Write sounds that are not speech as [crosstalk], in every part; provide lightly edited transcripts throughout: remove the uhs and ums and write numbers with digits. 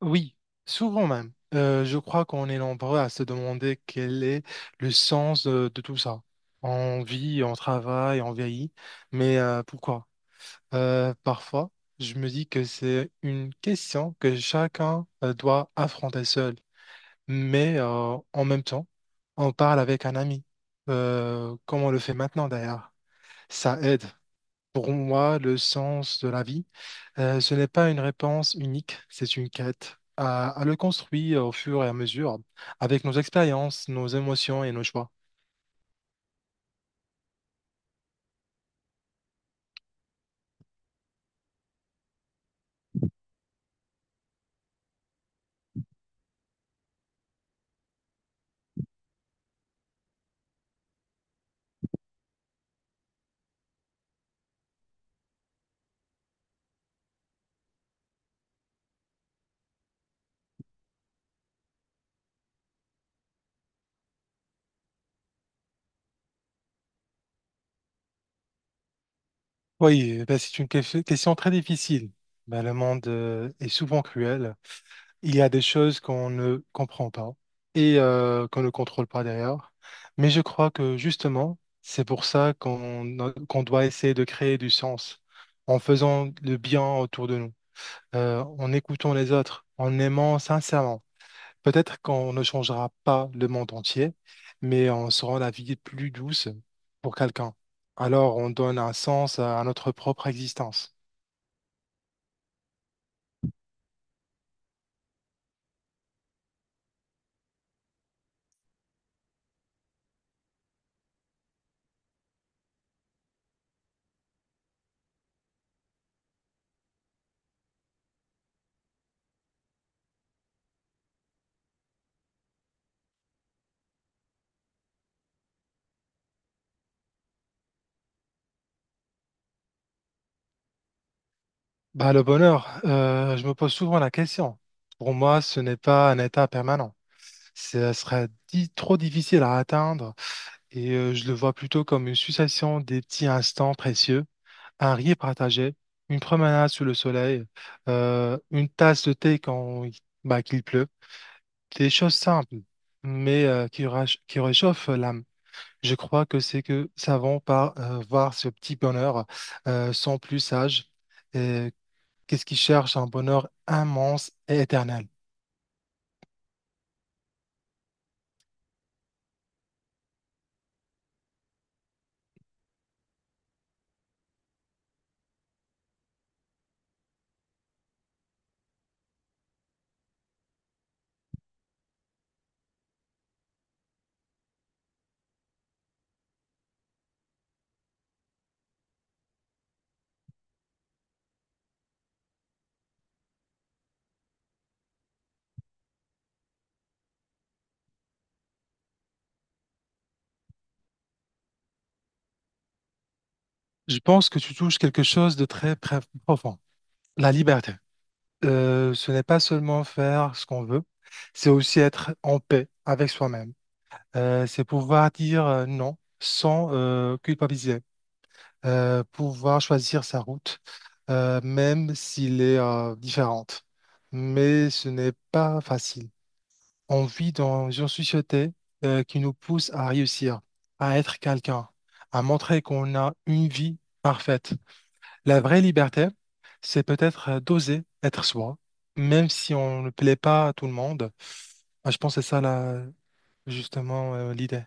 Oui, souvent même. Je crois qu'on est nombreux à se demander quel est le sens de, tout ça. On vit, on travaille, on vieillit, mais pourquoi? Parfois, je me dis que c'est une question que chacun doit affronter seul, mais en même temps, on parle avec un ami, comme on le fait maintenant d'ailleurs. Ça aide. Pour moi, le sens de la vie. Ce n'est pas une réponse unique, c'est une quête à le construire au fur et à mesure, avec nos expériences, nos émotions et nos choix. Oui, ben, c'est une question très difficile. Ben, le monde est souvent cruel. Il y a des choses qu'on ne comprend pas et qu'on ne contrôle pas derrière. Mais je crois que justement, c'est pour ça qu'on doit essayer de créer du sens en faisant le bien autour de nous, en écoutant les autres, en aimant sincèrement. Peut-être qu'on ne changera pas le monde entier, mais on se rend la vie plus douce pour quelqu'un. Alors on donne un sens à notre propre existence. Bah, le bonheur, je me pose souvent la question. Pour moi, ce n'est pas un état permanent. Ce serait trop difficile à atteindre et je le vois plutôt comme une succession des petits instants précieux, un rire partagé, une promenade sous le soleil, une tasse de thé quand il bah, qu'il pleut, des choses simples, mais qui, qui réchauffent l'âme. Je crois que c'est que savons par voir ce petit bonheur sont plus sages. Et qu'est-ce qui cherche un bonheur immense et éternel? Je pense que tu touches quelque chose de très, très profond, la liberté. Ce n'est pas seulement faire ce qu'on veut, c'est aussi être en paix avec soi-même. C'est pouvoir dire non sans culpabiliser, pouvoir choisir sa route, même s'il est différente. Mais ce n'est pas facile. On vit dans une société qui nous pousse à réussir, à être quelqu'un, à montrer qu'on a une vie parfaite. La vraie liberté, c'est peut-être d'oser être soi, même si on ne plaît pas à tout le monde. Moi, je pense que c'est ça, là, justement, l'idée.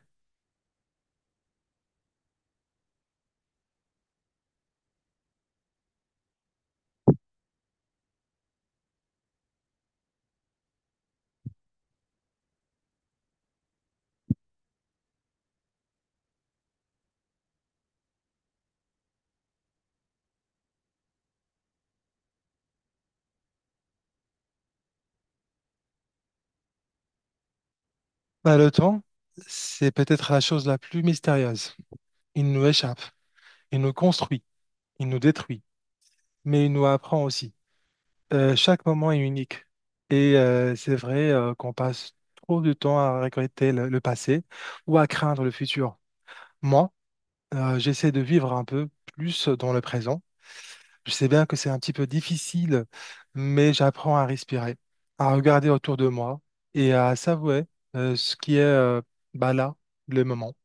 Bah, le temps, c'est peut-être la chose la plus mystérieuse. Il nous échappe, il nous construit, il nous détruit, mais il nous apprend aussi. Chaque moment est unique. Et c'est vrai qu'on passe trop de temps à regretter le passé ou à craindre le futur. Moi, j'essaie de vivre un peu plus dans le présent. Je sais bien que c'est un petit peu difficile, mais j'apprends à respirer, à regarder autour de moi et à savourer ce qui est bah, là, le moment.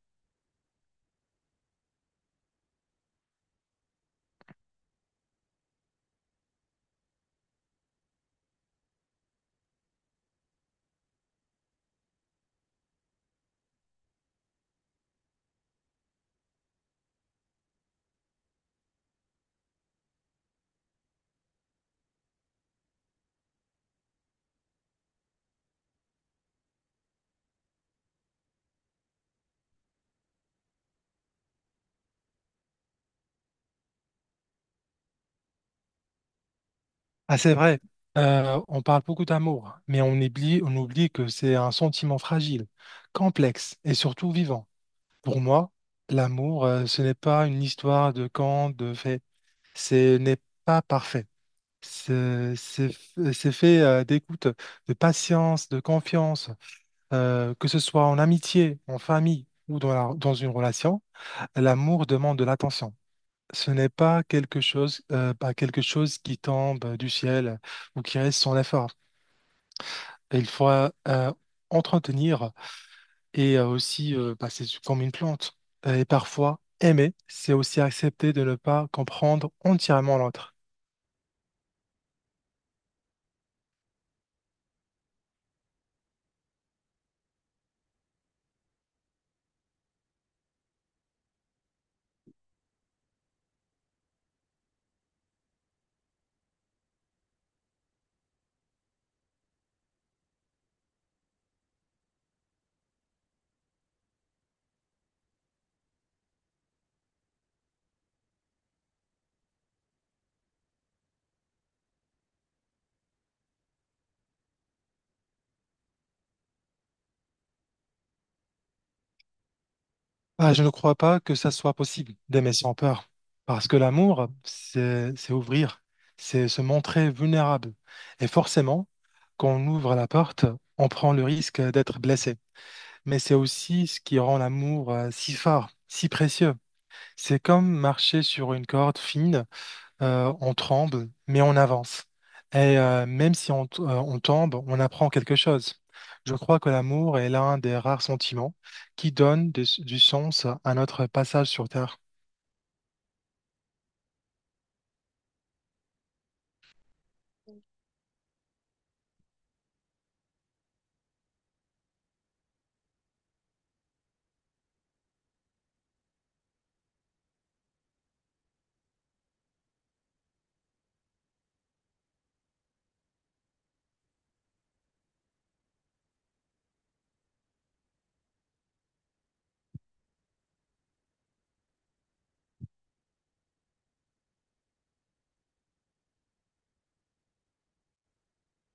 Ah, c'est vrai. On parle beaucoup d'amour, mais on oublie que c'est un sentiment fragile, complexe et surtout vivant. Pour moi, l'amour, ce n'est pas une histoire de quand, de fait. Ce n'est pas parfait. C'est fait d'écoute, de patience, de confiance, que ce soit en amitié, en famille ou dans dans une relation. L'amour demande de l'attention. Ce n'est pas pas quelque chose qui tombe du ciel ou qui reste sans effort. Il faudra entretenir et aussi passer comme une plante. Et parfois, aimer, c'est aussi accepter de ne pas comprendre entièrement l'autre. Ah, je ne crois pas que ça soit possible d'aimer sans peur, parce que l'amour, c'est ouvrir, c'est se montrer vulnérable. Et forcément, quand on ouvre la porte, on prend le risque d'être blessé. Mais c'est aussi ce qui rend l'amour si fort, si précieux. C'est comme marcher sur une corde fine, on tremble, mais on avance. Et même si on tombe, on apprend quelque chose. Je crois que l'amour est l'un des rares sentiments qui donne du sens à notre passage sur Terre.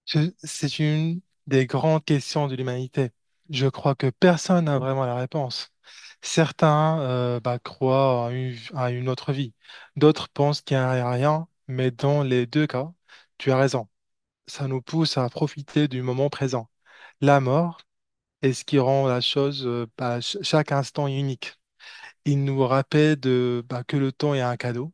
C'est une des grandes questions de l'humanité. Je crois que personne n'a vraiment la réponse. Certains bah, croient à une autre vie, d'autres pensent qu'il n'y a rien, mais dans les deux cas, tu as raison. Ça nous pousse à profiter du moment présent. La mort est ce qui rend la chose, bah, chaque instant unique. Il nous rappelle bah, que le temps est un cadeau.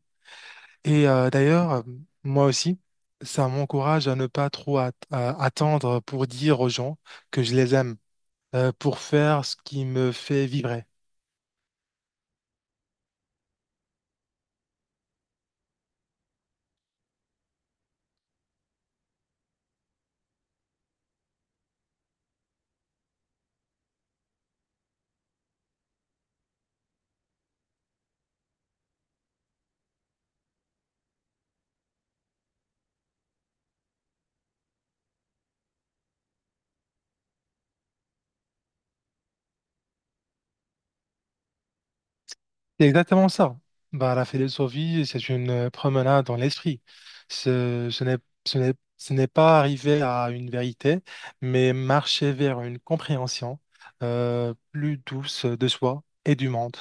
Et d'ailleurs, moi aussi, ça m'encourage à ne pas attendre pour dire aux gens que je les aime, pour faire ce qui me fait vibrer. C'est exactement ça. Bah, la philosophie, c'est une promenade dans l'esprit. Ce, ce n'est, ce n'est pas arriver à une vérité, mais marcher vers une compréhension plus douce de soi et du monde.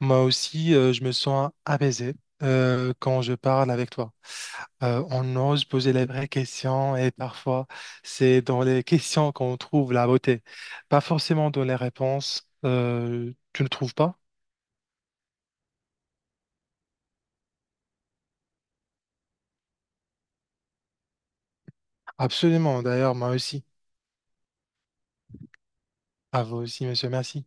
Moi aussi, je me sens apaisé quand je parle avec toi. On ose poser les vraies questions et parfois, c'est dans les [laughs] questions qu'on trouve la beauté, pas forcément dans les réponses. Tu ne trouves pas? Absolument, d'ailleurs, moi aussi. À vous aussi, monsieur, merci.